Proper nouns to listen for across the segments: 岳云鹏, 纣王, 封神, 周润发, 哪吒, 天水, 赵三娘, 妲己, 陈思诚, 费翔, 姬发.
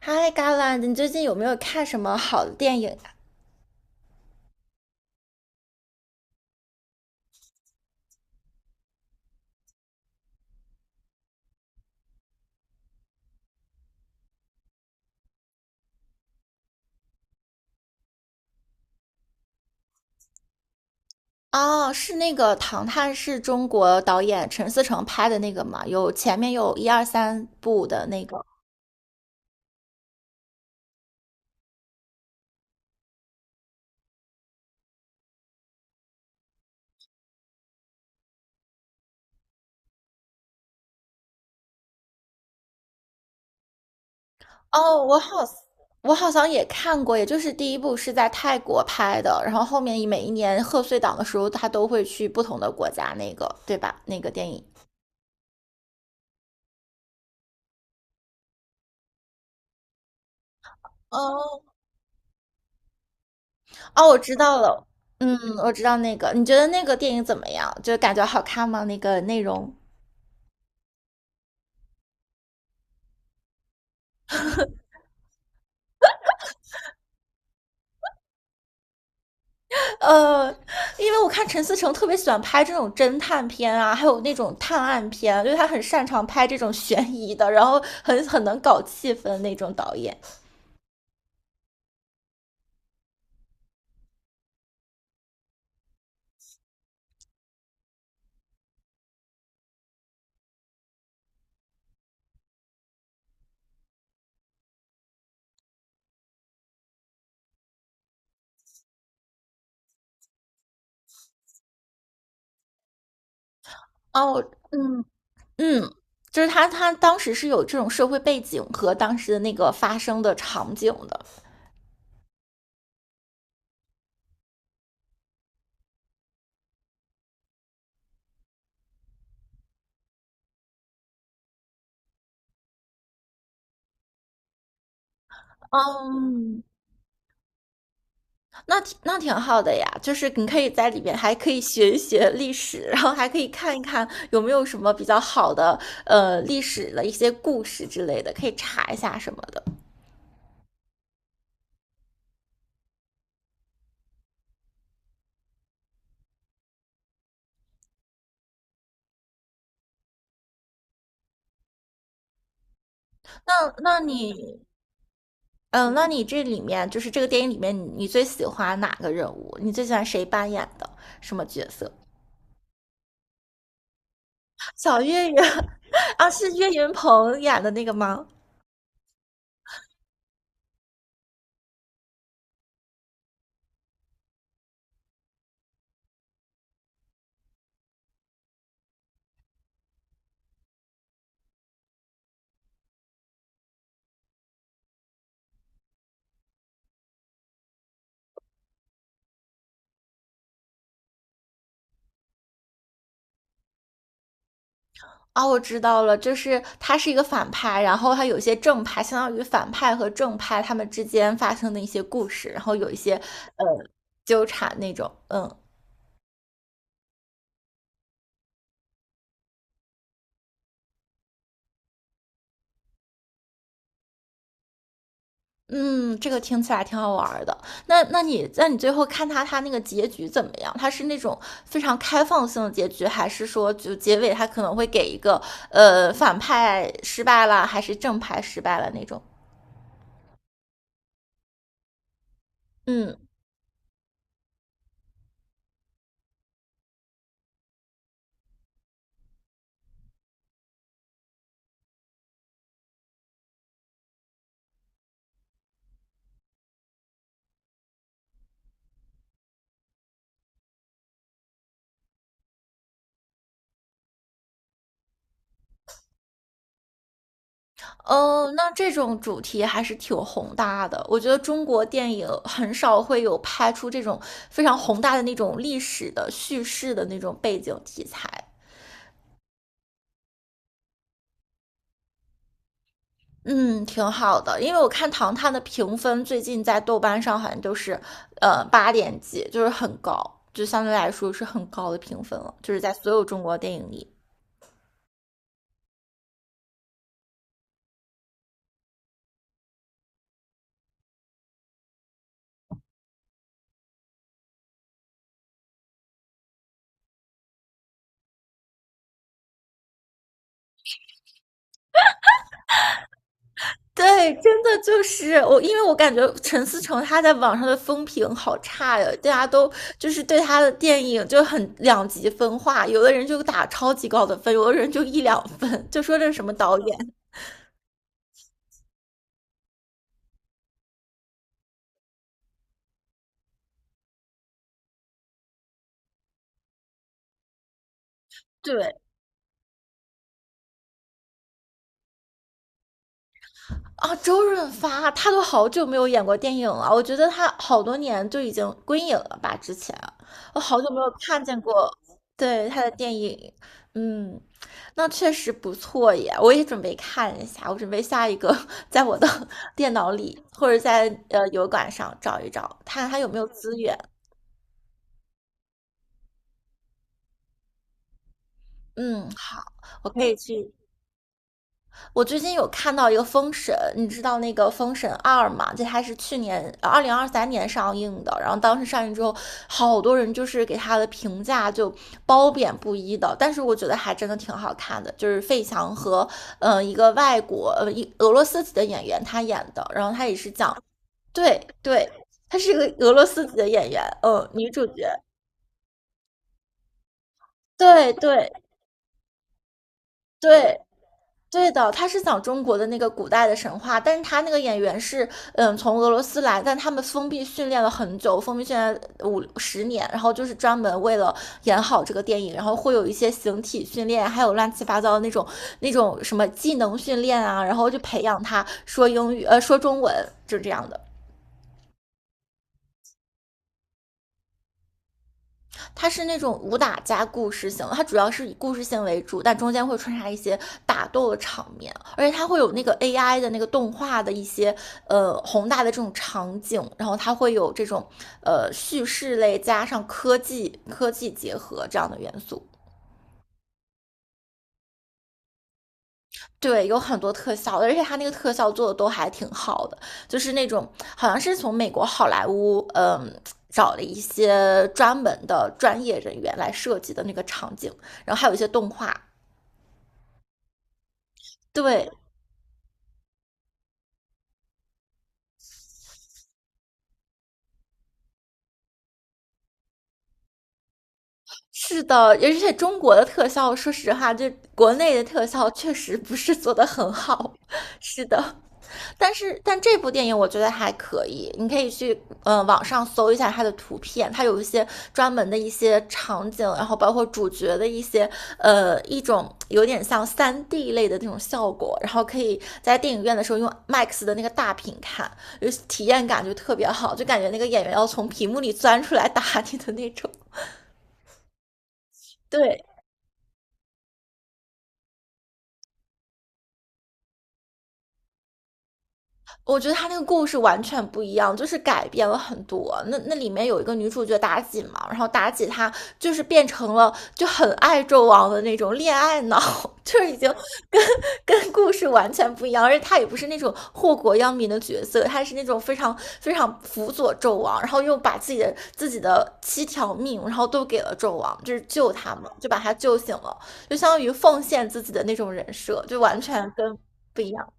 嗨，i g a l a 你最近有没有看什么好的电影啊？哦，是那个《唐探》，是中国导演陈思诚拍的那个嘛？有前面有一二三部的那个。哦，我好，我好像也看过，也就是第一部是在泰国拍的，然后后面每一年贺岁档的时候，他都会去不同的国家，那个对吧？那个电影。哦，哦，我知道了。嗯，我知道那个。你觉得那个电影怎么样？就感觉好看吗？那个内容？呃，因为我看陈思诚特别喜欢拍这种侦探片啊，还有那种探案片，就是他很擅长拍这种悬疑的，然后很能搞气氛那种导演。哦，嗯嗯，就是他当时是有这种社会背景和当时的那个发生的场景的。嗯，那挺好的呀，就是你可以在里面还可以学一学历史，然后还可以看一看有没有什么比较好的历史的一些故事之类的，可以查一下什么的。那那你，嗯，那你这里面就是这个电影里面你最喜欢哪个人物？你最喜欢谁扮演的什么角色？小岳岳 啊，是岳云鹏演的那个吗？啊，我知道了，就是他是一个反派，然后他有一些正派，相当于反派和正派他们之间发生的一些故事，然后有一些呃纠缠那种，嗯嗯，这个听起来挺好玩儿的。那你最后看他那个结局怎么样？他是那种非常开放性的结局，还是说就结尾他可能会给一个反派失败了，还是正派失败了那种？嗯，哦，那这种主题还是挺宏大的。我觉得中国电影很少会有拍出这种非常宏大的那种历史的叙事的那种背景题材。嗯，挺好的，因为我看《唐探》的评分最近在豆瓣上好像都是，八点几，就是很高，就相对来说是很高的评分了，就是在所有中国电影里。对，真的就是我，因为我感觉陈思诚他在网上的风评好差呀，大家都就是对他的电影就很两极分化，有的人就打超级高的分，有的人就一两分，就说这是什么导演。对，啊，周润发他都好久没有演过电影了，我觉得他好多年就已经归隐了吧。之前我好久没有看见过对他的电影，嗯，那确实不错耶，我也准备看一下，我准备下一个 在我的 电脑里或者在油管上找一找，看看他有没有资源。嗯，好，我可以去。我最近有看到一个《封神》，你知道那个《封神二》吗？这它是去年2023年上映的，然后当时上映之后，好多人就是给他的评价就褒贬不一的，但是我觉得还真的挺好看的，就是费翔和一个外国一俄罗斯籍的演员他演的，然后他也是讲对对，他是一个俄罗斯籍的演员，嗯，女主角，对对。对对的，他是讲中国的那个古代的神话，但是他那个演员是，嗯，从俄罗斯来，但他们封闭训练了很久，封闭训练50年，然后就是专门为了演好这个电影，然后会有一些形体训练，还有乱七八糟的那种那种什么技能训练啊，然后就培养他说英语，说中文，就这样的。它是那种武打加故事性，它主要是以故事性为主，但中间会穿插一些打斗的场面，而且它会有那个 AI 的那个动画的一些宏大的这种场景，然后它会有这种叙事类加上科技结合这样的元素。对，有很多特效，而且它那个特效做的都还挺好的，就是那种好像是从美国好莱坞找了一些专门的专业人员来设计的那个场景，然后还有一些动画。对，是的，而且中国的特效，说实话，就国内的特效确实不是做的很好。是的，但是但这部电影我觉得还可以，你可以去网上搜一下它的图片，它有一些专门的一些场景，然后包括主角的一些一种有点像3D 类的那种效果，然后可以在电影院的时候用 MAX 的那个大屏看，就是体验感就特别好，就感觉那个演员要从屏幕里钻出来打你的那种。对，我觉得他那个故事完全不一样，就是改变了很多。那那里面有一个女主角妲己嘛，然后妲己她就是变成了就很爱纣王的那种恋爱脑，就是已经跟跟故事完全不一样，而且她也不是那种祸国殃民的角色，她是那种非常非常辅佐纣王，然后又把自己的七条命，然后都给了纣王，就是救他们，就把他救醒了，就相当于奉献自己的那种人设，就完全跟不一样。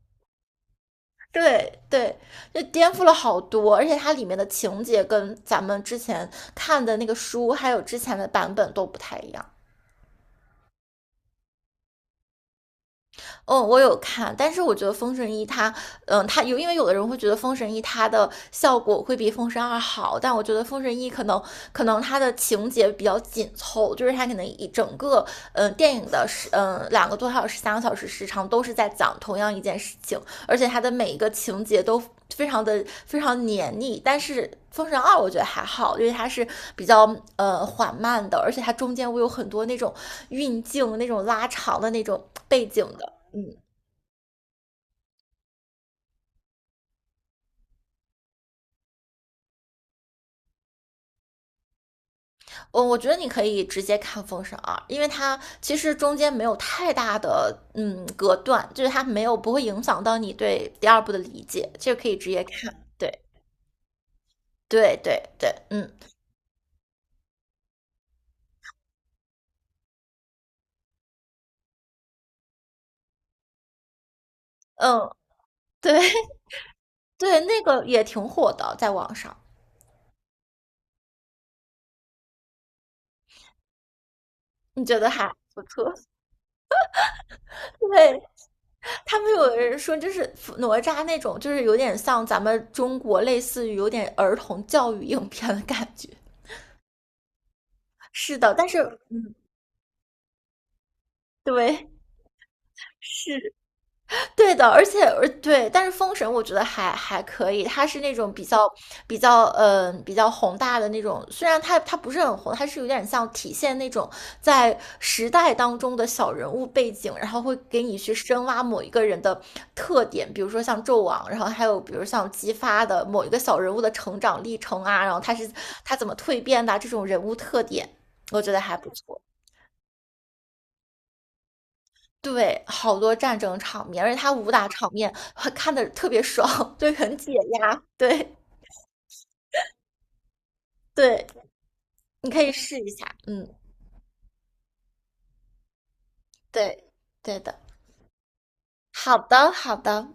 对对，就颠覆了好多，而且它里面的情节跟咱们之前看的那个书，还有之前的版本都不太一样。嗯，我有看，但是我觉得《封神一》它，嗯，它有，因为有的人会觉得《封神一》它的效果会比《封神二》好，但我觉得《封神一》可能它的情节比较紧凑，就是它可能一整个电影的2个多小时、3个小时时长都是在讲同样一件事情，而且它的每一个情节都非常的非常黏腻，但是《封神二》我觉得还好，因为它是比较缓慢的，而且它中间会有很多那种运镜、那种拉长的那种背景的。我觉得你可以直接看《封神二》，因为它其实中间没有太大的隔断，就是它没有不会影响到你对第二部的理解，这个可以直接看。对对对对，嗯嗯，对 对，那个也挺火的，在网上，你觉得还不错？对，他们有人说，就是哪吒那种，就是有点像咱们中国类似于有点儿童教育影片的感觉。是的，但是对，是对的，而且而对，但是封神我觉得还可以，它是那种比较比较宏大的那种，虽然它不是很宏，它是有点像体现那种在时代当中的小人物背景，然后会给你去深挖某一个人的特点，比如说像纣王，然后还有比如像姬发的某一个小人物的成长历程啊，然后他怎么蜕变的啊这种人物特点，我觉得还不错。对，好多战争场面，而且他武打场面还看的特别爽，对，很解压。对对，你可以试一下。嗯，对对的。好的，好的。